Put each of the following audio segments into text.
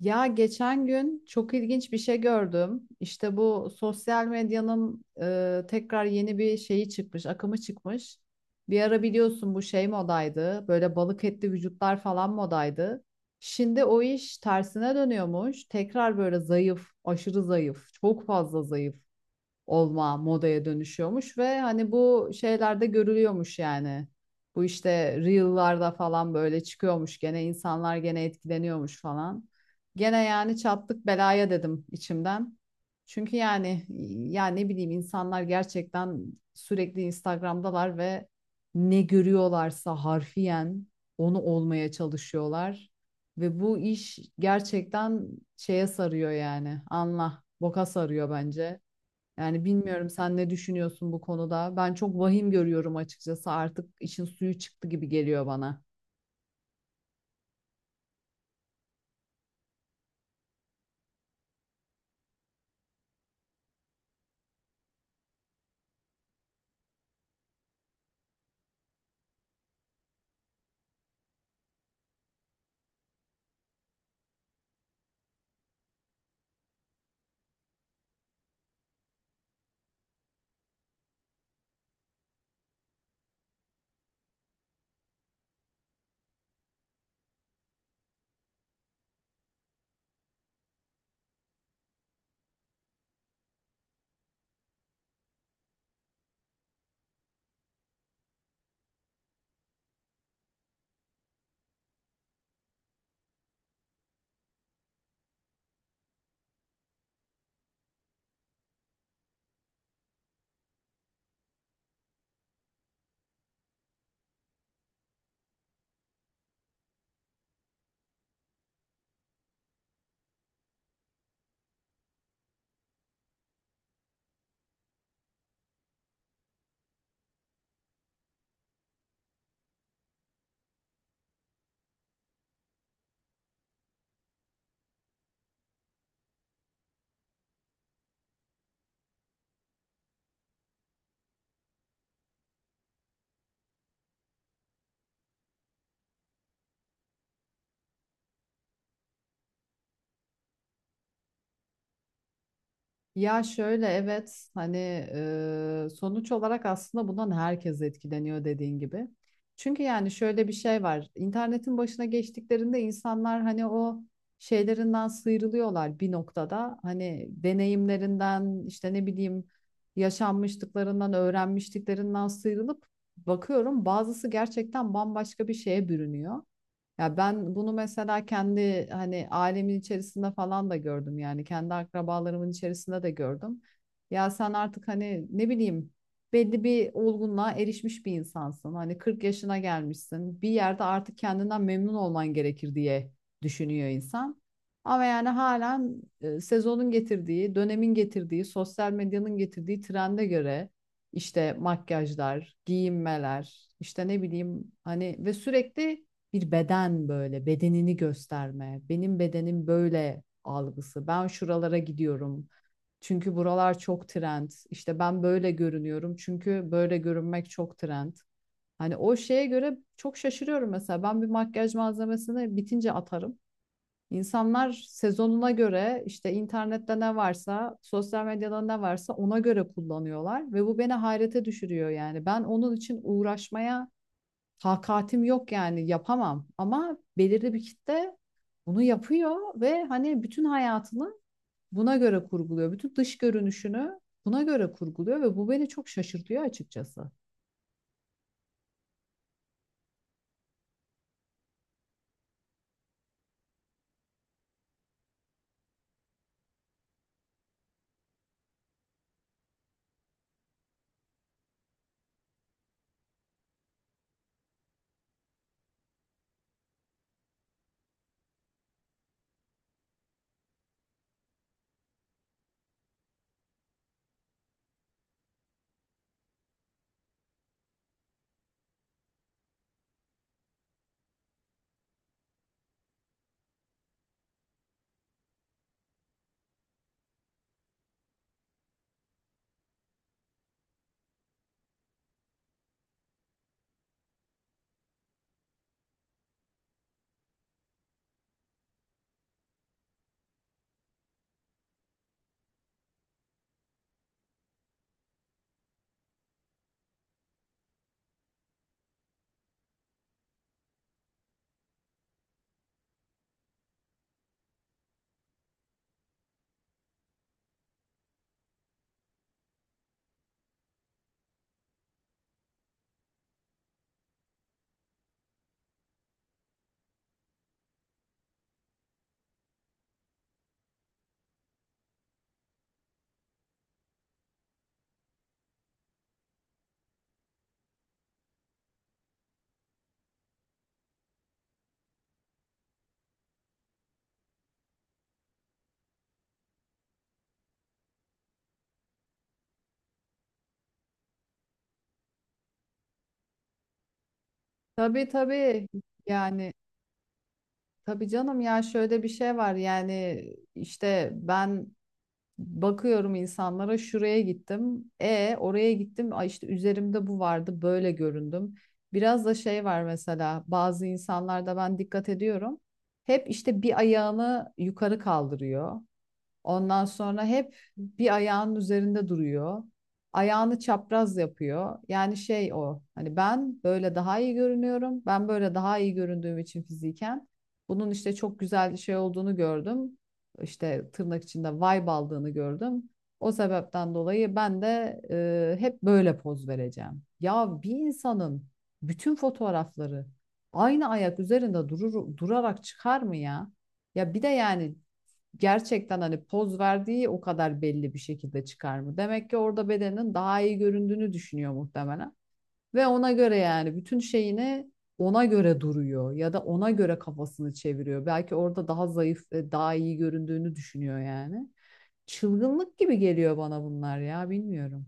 Ya geçen gün çok ilginç bir şey gördüm. İşte bu sosyal medyanın tekrar yeni bir şeyi çıkmış, akımı çıkmış. Bir ara biliyorsun bu şey modaydı. Böyle balık etli vücutlar falan modaydı. Şimdi o iş tersine dönüyormuş. Tekrar böyle zayıf, aşırı zayıf, çok fazla zayıf olma modaya dönüşüyormuş ve hani bu şeylerde görülüyormuş yani. Bu işte reel'larda falan böyle çıkıyormuş gene insanlar gene etkileniyormuş falan. Gene yani çattık belaya dedim içimden. Çünkü yani ne bileyim insanlar gerçekten sürekli Instagram'dalar ve ne görüyorlarsa harfiyen onu olmaya çalışıyorlar. Ve bu iş gerçekten şeye sarıyor yani. Anla, boka sarıyor bence. Yani bilmiyorum sen ne düşünüyorsun bu konuda. Ben çok vahim görüyorum açıkçası. Artık işin suyu çıktı gibi geliyor bana. Ya şöyle evet hani sonuç olarak aslında bundan herkes etkileniyor dediğin gibi. Çünkü yani şöyle bir şey var. İnternetin başına geçtiklerinde insanlar hani o şeylerinden sıyrılıyorlar bir noktada. Hani deneyimlerinden işte ne bileyim yaşanmışlıklarından, öğrenmişliklerinden sıyrılıp bakıyorum bazısı gerçekten bambaşka bir şeye bürünüyor. Ya ben bunu mesela kendi hani ailemin içerisinde falan da gördüm yani kendi akrabalarımın içerisinde de gördüm. Ya sen artık hani ne bileyim belli bir olgunluğa erişmiş bir insansın. Hani 40 yaşına gelmişsin. Bir yerde artık kendinden memnun olman gerekir diye düşünüyor insan. Ama yani halen sezonun getirdiği, dönemin getirdiği, sosyal medyanın getirdiği trende göre işte makyajlar, giyinmeler, işte ne bileyim hani ve sürekli bir beden böyle bedenini gösterme. Benim bedenim böyle algısı. Ben şuralara gidiyorum. Çünkü buralar çok trend. İşte ben böyle görünüyorum çünkü böyle görünmek çok trend. Hani o şeye göre çok şaşırıyorum mesela. Ben bir makyaj malzemesini bitince atarım. İnsanlar sezonuna göre işte internette ne varsa, sosyal medyada ne varsa ona göre kullanıyorlar ve bu beni hayrete düşürüyor yani. Ben onun için uğraşmaya takatim yok yani yapamam ama belirli bir kitle bunu yapıyor ve hani bütün hayatını buna göre kurguluyor. Bütün dış görünüşünü buna göre kurguluyor ve bu beni çok şaşırtıyor açıkçası. Tabii, tabii, yani tabii canım. Ya şöyle bir şey var yani işte ben bakıyorum insanlara, şuraya gittim. E oraya gittim. Ay işte üzerimde bu vardı. Böyle göründüm. Biraz da şey var mesela bazı insanlarda ben dikkat ediyorum. Hep işte bir ayağını yukarı kaldırıyor. Ondan sonra hep bir ayağının üzerinde duruyor. Ayağını çapraz yapıyor. Yani şey o. Hani ben böyle daha iyi görünüyorum. Ben böyle daha iyi göründüğüm için fiziken bunun işte çok güzel şey olduğunu gördüm. İşte tırnak içinde vibe aldığını gördüm. O sebepten dolayı ben de hep böyle poz vereceğim. Ya bir insanın bütün fotoğrafları aynı ayak üzerinde durur, durarak çıkar mı ya? Ya bir de yani gerçekten hani poz verdiği o kadar belli bir şekilde çıkar mı? Demek ki orada bedenin daha iyi göründüğünü düşünüyor muhtemelen. Ve ona göre yani bütün şeyini ona göre duruyor ya da ona göre kafasını çeviriyor. Belki orada daha zayıf ve daha iyi göründüğünü düşünüyor yani. Çılgınlık gibi geliyor bana bunlar ya, bilmiyorum.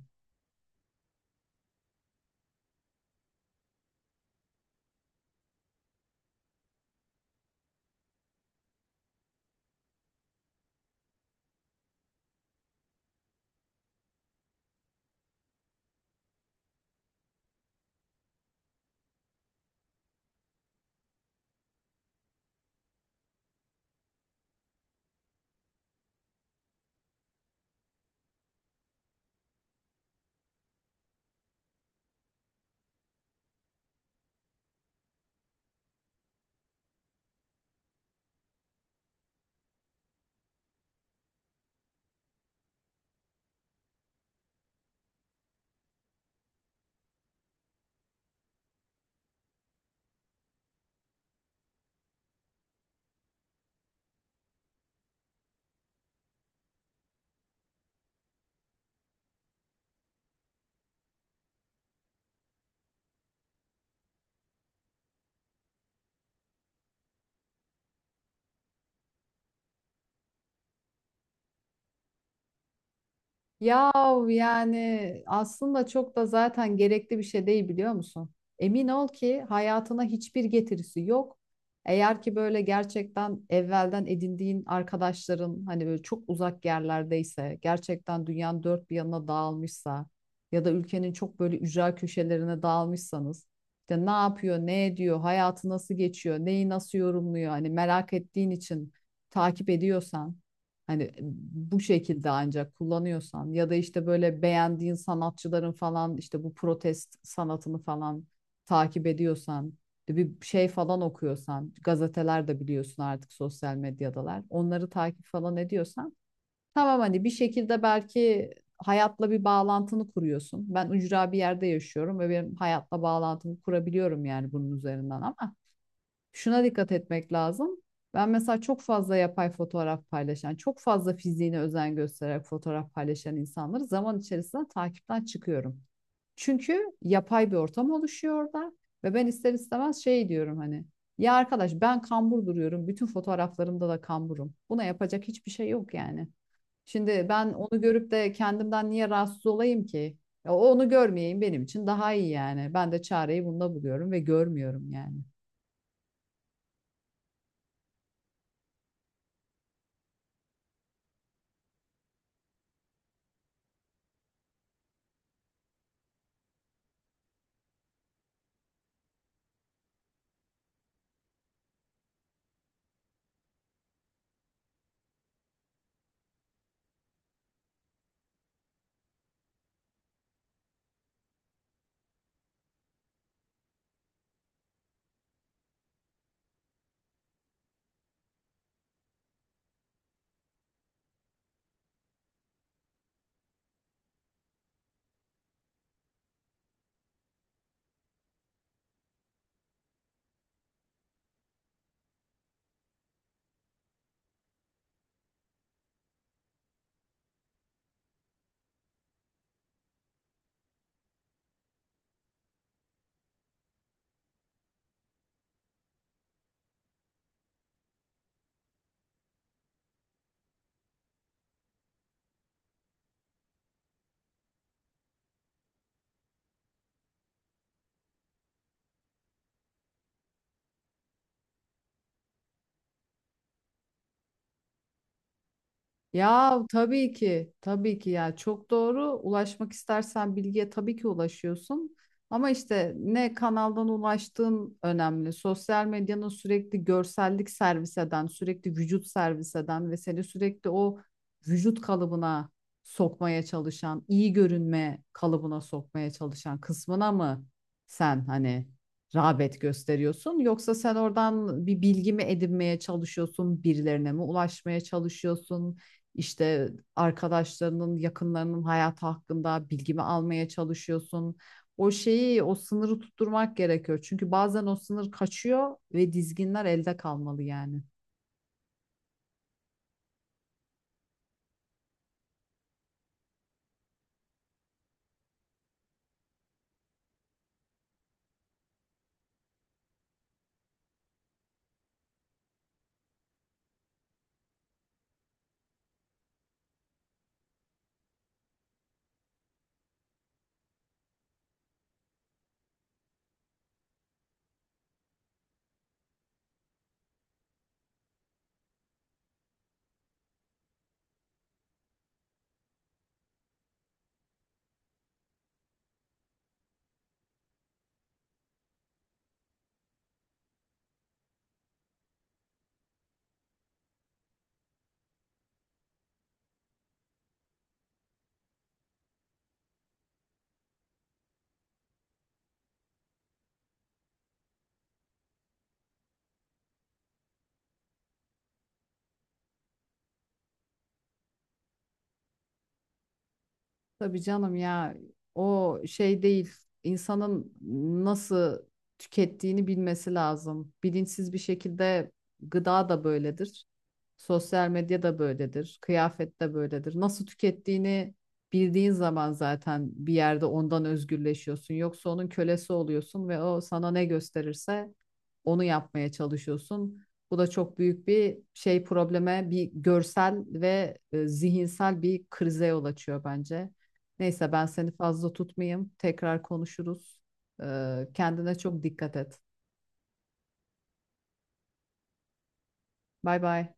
Yahu yani aslında çok da zaten gerekli bir şey değil, biliyor musun? Emin ol ki hayatına hiçbir getirisi yok. Eğer ki böyle gerçekten evvelden edindiğin arkadaşların hani böyle çok uzak yerlerdeyse, gerçekten dünyanın dört bir yanına dağılmışsa ya da ülkenin çok böyle ücra köşelerine dağılmışsanız, işte ne yapıyor, ne ediyor, hayatı nasıl geçiyor, neyi nasıl yorumluyor hani merak ettiğin için takip ediyorsan, hani bu şekilde ancak kullanıyorsan ya da işte böyle beğendiğin sanatçıların falan işte bu protest sanatını falan takip ediyorsan, bir şey falan okuyorsan, gazeteler de biliyorsun artık sosyal medyadalar, onları takip falan ediyorsan tamam, hani bir şekilde belki hayatla bir bağlantını kuruyorsun. Ben ücra bir yerde yaşıyorum ve benim hayatla bağlantımı kurabiliyorum yani bunun üzerinden, ama şuna dikkat etmek lazım. Ben mesela çok fazla yapay fotoğraf paylaşan, çok fazla fiziğine özen göstererek fotoğraf paylaşan insanları zaman içerisinde takipten çıkıyorum. Çünkü yapay bir ortam oluşuyor orada ve ben ister istemez şey diyorum hani, ya arkadaş ben kambur duruyorum. Bütün fotoğraflarımda da kamburum. Buna yapacak hiçbir şey yok yani. Şimdi ben onu görüp de kendimden niye rahatsız olayım ki? Ya onu görmeyeyim benim için daha iyi yani. Ben de çareyi bunda buluyorum ve görmüyorum yani. Ya tabii ki, tabii ki, ya çok doğru. Ulaşmak istersen bilgiye tabii ki ulaşıyorsun. Ama işte ne kanaldan ulaştığın önemli. Sosyal medyanın sürekli görsellik servis eden, sürekli vücut servis eden ve seni sürekli o vücut kalıbına sokmaya çalışan, iyi görünme kalıbına sokmaya çalışan kısmına mı sen hani rağbet gösteriyorsun? Yoksa sen oradan bir bilgi mi edinmeye çalışıyorsun, birilerine mi ulaşmaya çalışıyorsun? İşte arkadaşlarının, yakınlarının hayatı hakkında bilgimi almaya çalışıyorsun. O şeyi, o sınırı tutturmak gerekiyor. Çünkü bazen o sınır kaçıyor ve dizginler elde kalmalı yani. Tabii canım, ya o şey değil. İnsanın nasıl tükettiğini bilmesi lazım. Bilinçsiz bir şekilde, gıda da böyledir. Sosyal medya da böyledir. Kıyafet de böyledir. Nasıl tükettiğini bildiğin zaman zaten bir yerde ondan özgürleşiyorsun. Yoksa onun kölesi oluyorsun ve o sana ne gösterirse onu yapmaya çalışıyorsun. Bu da çok büyük bir şey probleme, bir görsel ve zihinsel bir krize yol açıyor bence. Neyse, ben seni fazla tutmayayım. Tekrar konuşuruz. Kendine çok dikkat et. Bay bay.